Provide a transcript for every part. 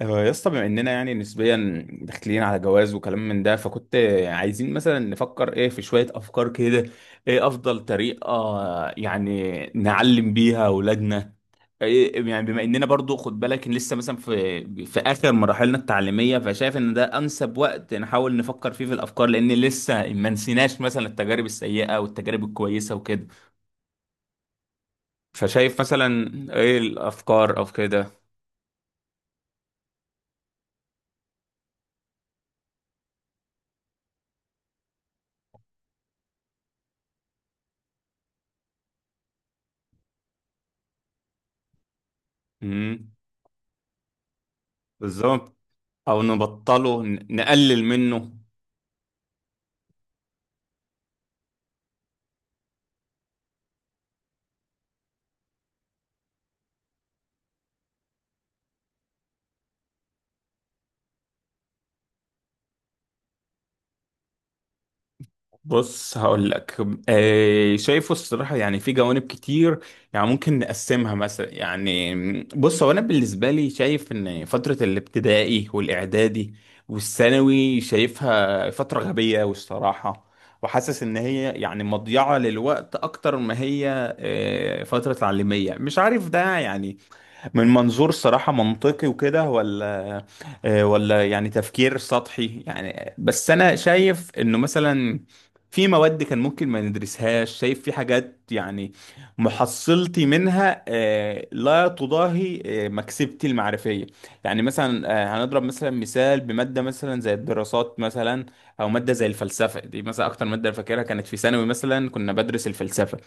آه، يا اسطى، بما اننا يعني نسبيا داخلين على جواز وكلام من ده، فكنت عايزين مثلا نفكر، ايه في شوية افكار كده، ايه افضل طريقة يعني نعلم بيها اولادنا؟ إيه يعني بما اننا برضو، خد بالك إن لسه مثلا في اخر مراحلنا التعليمية، فشايف ان ده انسب وقت نحاول نفكر فيه في الافكار، لان لسه ما نسيناش مثلا التجارب السيئة والتجارب الكويسة وكده. فشايف مثلا ايه الافكار او كده. امم. بالظبط. او نبطله، نقلل منه. بص هقول لك. شايفه الصراحه يعني في جوانب كتير، يعني ممكن نقسمها مثلا يعني. بص، هو انا بالنسبه لي شايف ان فتره الابتدائي والاعدادي والثانوي شايفها فتره غبيه والصراحه، وحاسس ان هي يعني مضيعه للوقت اكتر ما هي فتره تعليميه. مش عارف ده يعني من منظور صراحة منطقي وكده، ولا ولا يعني تفكير سطحي، يعني بس أنا شايف إنه مثلا في مواد كان ممكن ما ندرسهاش. شايف في حاجات يعني محصلتي منها لا تضاهي مكسبتي المعرفية. يعني مثلا هنضرب مثلا مثال بمادة مثلا زي الدراسات مثلا، أو مادة زي الفلسفة دي مثلا. أكتر مادة فاكرها كانت في ثانوي مثلا كنا بدرس الفلسفة.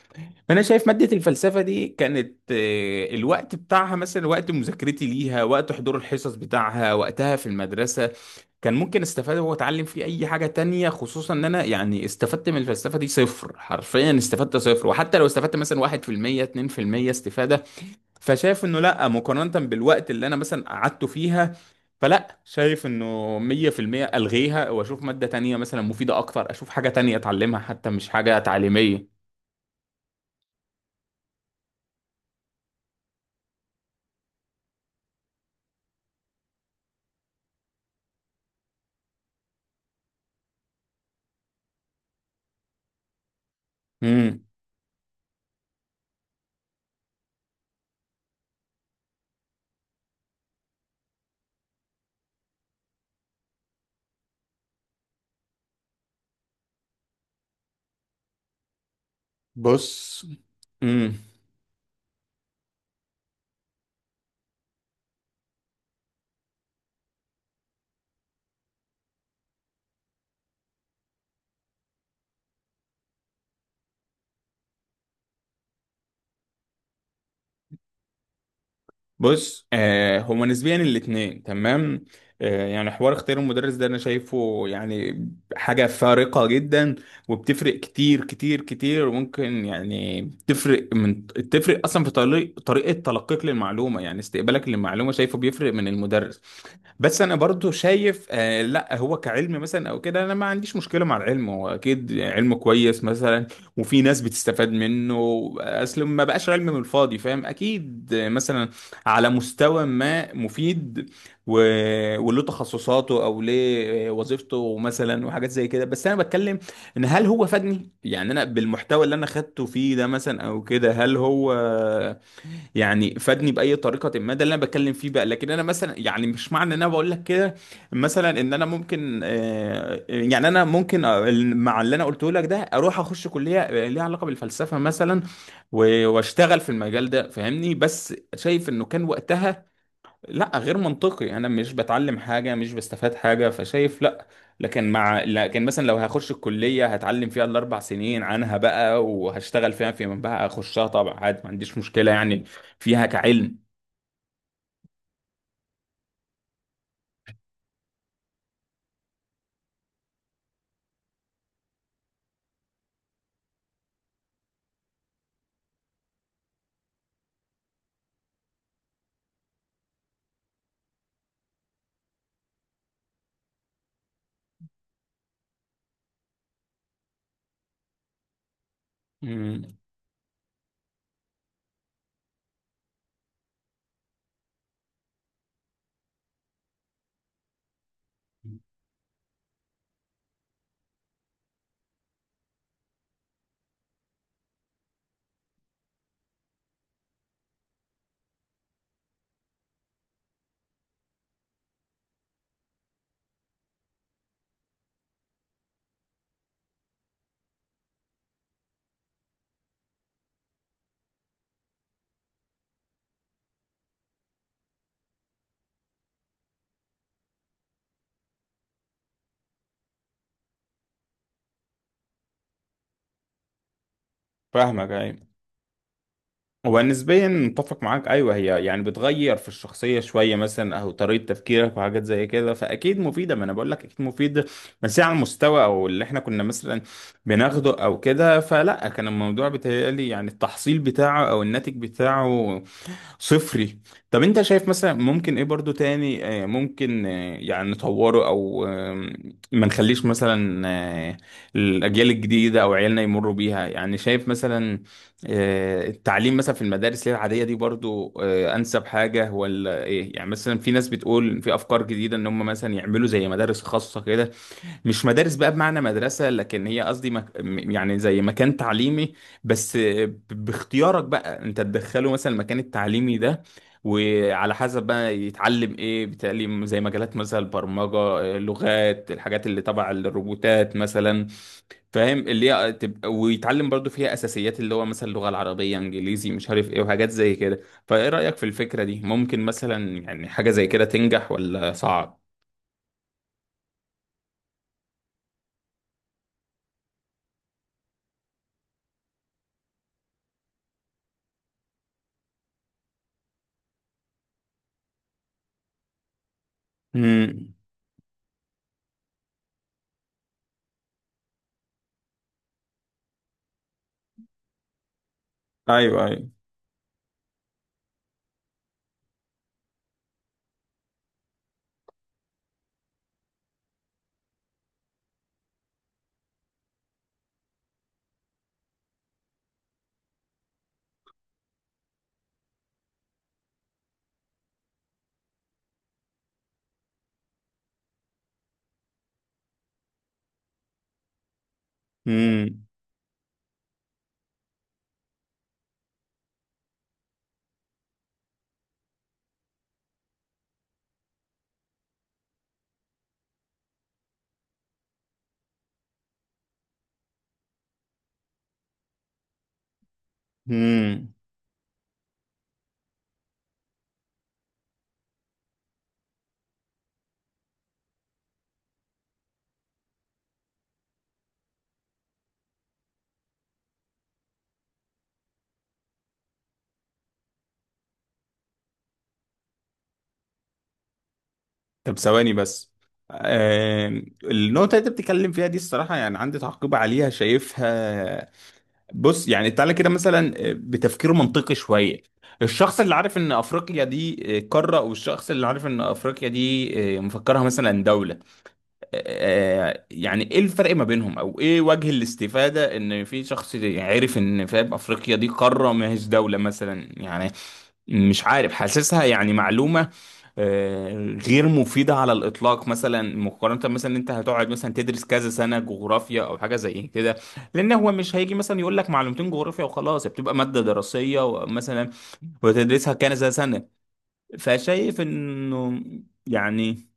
انا شايف ماده الفلسفه دي كانت الوقت بتاعها مثلا، وقت مذاكرتي ليها، وقت حضور الحصص بتاعها، وقتها في المدرسه كان ممكن استفاد واتعلم فيه اي حاجه تانية. خصوصا ان انا يعني استفدت من الفلسفه دي صفر، حرفيا استفدت صفر. وحتى لو استفدت مثلا 1% 2% استفاده، فشايف انه لا مقارنه بالوقت اللي انا مثلا قعدته فيها. فلا، شايف انه 100% الغيها واشوف ماده تانية مثلا مفيده اكتر، اشوف حاجه تانية اتعلمها حتى مش حاجه تعليميه. امم. بص. امم. بص هما نسبيا الاتنين، تمام. يعني حوار اختيار المدرس ده انا شايفه يعني حاجة فارقة جدا، وبتفرق كتير كتير كتير. وممكن يعني تفرق من، تفرق اصلا في طريقة تلقيك للمعلومة، يعني استقبالك للمعلومة شايفه بيفرق من المدرس. بس انا برضو شايف لا، هو كعلم مثلا او كده انا ما عنديش مشكله مع العلم. هو اكيد علم كويس مثلا، وفي ناس بتستفاد منه، اصل ما بقاش علم من الفاضي، فاهم؟ اكيد مثلا على مستوى ما مفيد، و... وله تخصصاته او ليه وظيفته مثلا وحاجات زي كده. بس انا بتكلم ان هل هو فادني يعني انا بالمحتوى اللي انا خدته فيه ده مثلا او كده؟ هل هو يعني فادني باي طريقه ما؟ ده اللي انا بتكلم فيه بقى. لكن انا مثلا يعني مش معنى ان انا بقول لك كده مثلا ان انا ممكن يعني انا ممكن مع اللي انا قلته لك ده اروح اخش كليه ليها علاقه بالفلسفه مثلا واشتغل في المجال ده، فاهمني؟ بس شايف انه كان وقتها لا، غير منطقي، انا مش بتعلم حاجه، مش بستفاد حاجه، فشايف لا. لكن مثلا لو هخش الكليه هتعلم فيها الاربع سنين عنها بقى، وهشتغل فيها فيما بقى، اخشها طبعا عادي، ما عنديش مشكله يعني فيها كعلم. مم. فاهمك، ايوه. هو نسبيا متفق معاك، ايوه. هي يعني بتغير في الشخصيه شويه مثلا، او طريقه تفكيرك وحاجات زي كده، فاكيد مفيده، ما انا بقول لك اكيد مفيده. بس هي على المستوى او اللي احنا كنا مثلا بناخده او كده، فلا، كان الموضوع بيتهيألي يعني التحصيل بتاعه او الناتج بتاعه صفري. طب انت شايف مثلا ممكن ايه برضو تاني، ممكن يعني نطوره، او ما نخليش مثلا الاجيال الجديده او عيالنا يمروا بيها؟ يعني شايف مثلا التعليم مثلا في المدارس اللي هي العاديه دي برضو انسب حاجه، ولا ايه؟ يعني مثلا في ناس بتقول في افكار جديده ان هم مثلا يعملوا زي مدارس خاصه كده. مش مدارس بقى بمعنى مدرسة، لكن هي قصدي يعني زي مكان تعليمي، بس باختيارك بقى انت تدخله مثلا المكان التعليمي ده. وعلى حسب بقى يتعلم ايه، بتعليم زي مجالات مثلا البرمجة، لغات، الحاجات اللي تبع الروبوتات مثلا، فاهم؟ اللي هي تبقى، ويتعلم برضو فيها اساسيات اللي هو مثلا اللغة العربية، انجليزي، مش عارف ايه وحاجات زي كده. فايه رأيك في الفكرة دي؟ ممكن مثلا يعني حاجة زي كده تنجح ولا صعب؟ امم. ايوه، ايوه. امم. مم. طب ثواني بس. النقطة اللي انت بتتكلم فيها دي الصراحة يعني عندي تعقيب عليها. شايفها، بص، يعني تعالى كده مثلا بتفكير منطقي شوية. الشخص اللي عارف ان افريقيا دي قارة، والشخص اللي عارف ان افريقيا دي آه، مفكرها مثلا دولة، يعني ايه الفرق ما بينهم، او ايه وجه الاستفادة ان في شخص عارف ان، فاهم، افريقيا دي قارة ما هيش دولة مثلا؟ يعني مش عارف، حاسسها يعني معلومة آه، غير مفيدة على الإطلاق مثلا، مقارنة مثلا إن أنت هتقعد مثلا تدرس كذا سنة جغرافيا أو حاجة زي كده. لأن هو مش هيجي مثلا يقول لك معلومتين جغرافيا وخلاص، بتبقى مادة دراسية مثلا وتدرسها كذا سنة. فشايف إنه يعني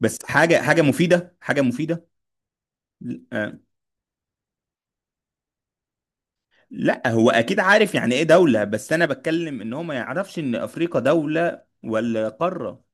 بس، حاجة، حاجة مفيدة، حاجة مفيدة آه، لا، هو أكيد عارف يعني إيه دولة، بس أنا بتكلم إن هو ما يعرفش إن أفريقيا دولة ولا قارة.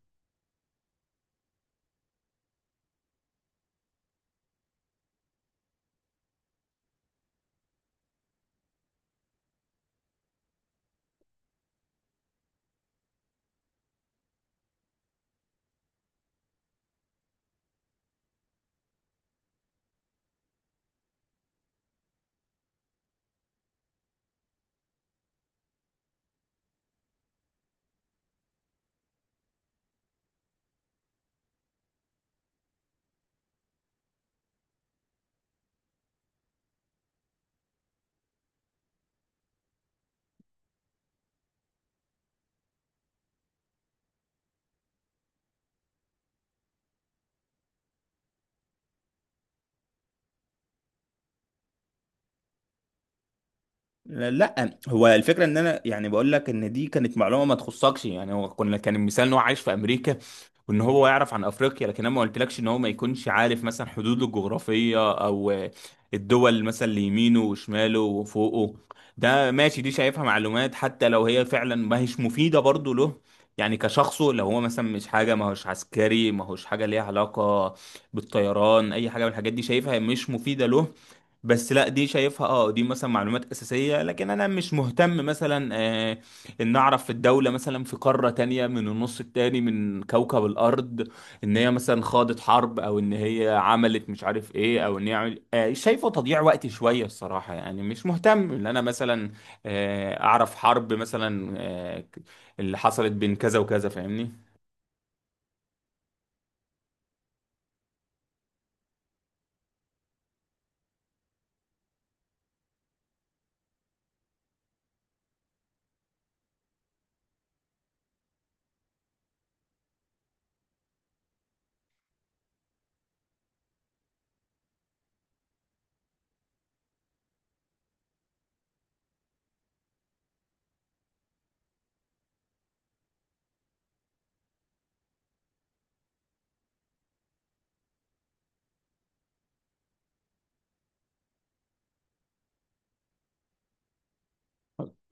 لا هو الفكره ان انا يعني بقول لك ان دي كانت معلومه ما تخصكش، يعني هو كنا كان المثال ان هو عايش في امريكا، وان هو يعرف عن افريقيا. لكن انا ما قلتلكش ان هو ما يكونش عارف مثلا حدوده الجغرافيه او الدول مثلا اللي يمينه وشماله وفوقه. ده ماشي، دي شايفها معلومات حتى لو هي فعلا ما هيش مفيده برضه له، يعني كشخصه. لو هو مثلا مش حاجه، ما هوش عسكري، ما هوش حاجه ليها علاقه بالطيران، اي حاجه من الحاجات دي، شايفها مش مفيده له. بس لا، دي شايفها اه دي مثلا معلومات اساسيه. لكن انا مش مهتم مثلا ان اعرف في الدوله مثلا في قاره تانية من النص التاني من كوكب الارض ان هي مثلا خاضت حرب، او ان هي عملت مش عارف ايه، او ان هي عمل... آه شايفه تضييع وقت شويه الصراحه. يعني مش مهتم ان انا مثلا اعرف حرب مثلا اللي حصلت بين كذا وكذا، فاهمني؟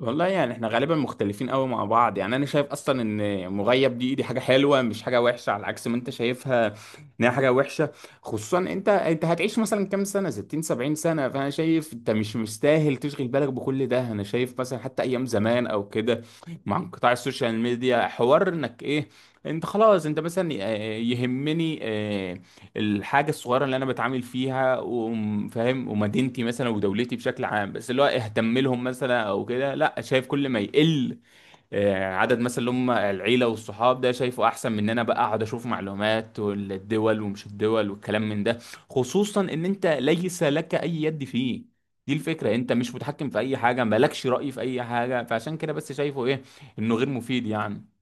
والله يعني احنا غالبا مختلفين قوي مع بعض. يعني انا شايف اصلا ان مغيب دي حاجه حلوه، مش حاجه وحشه، على عكس ما انت شايفها ان هي حاجه وحشه. خصوصا انت هتعيش مثلا كام سنه؟ 60 70 سنه، فانا شايف انت مش مستاهل تشغل بالك بكل ده. انا شايف مثلا حتى ايام زمان او كده، مع انقطاع السوشيال ميديا، حوار انك ايه، انت خلاص انت مثلا يهمني الحاجه الصغيره اللي انا بتعامل فيها، وفاهم، ومدينتي مثلا ودولتي بشكل عام، بس اللي هو اهتم لهم مثلا او كده. لا، شايف كل ما يقل عدد مثلا اللي هم العيله والصحاب، ده شايفه احسن من ان انا بقى اقعد اشوف معلومات والدول ومش الدول والكلام من ده، خصوصا ان انت ليس لك اي يد فيه. دي الفكره، انت مش متحكم في اي حاجه، مالكش راي في اي حاجه، فعشان كده بس شايفه ايه انه غير مفيد يعني.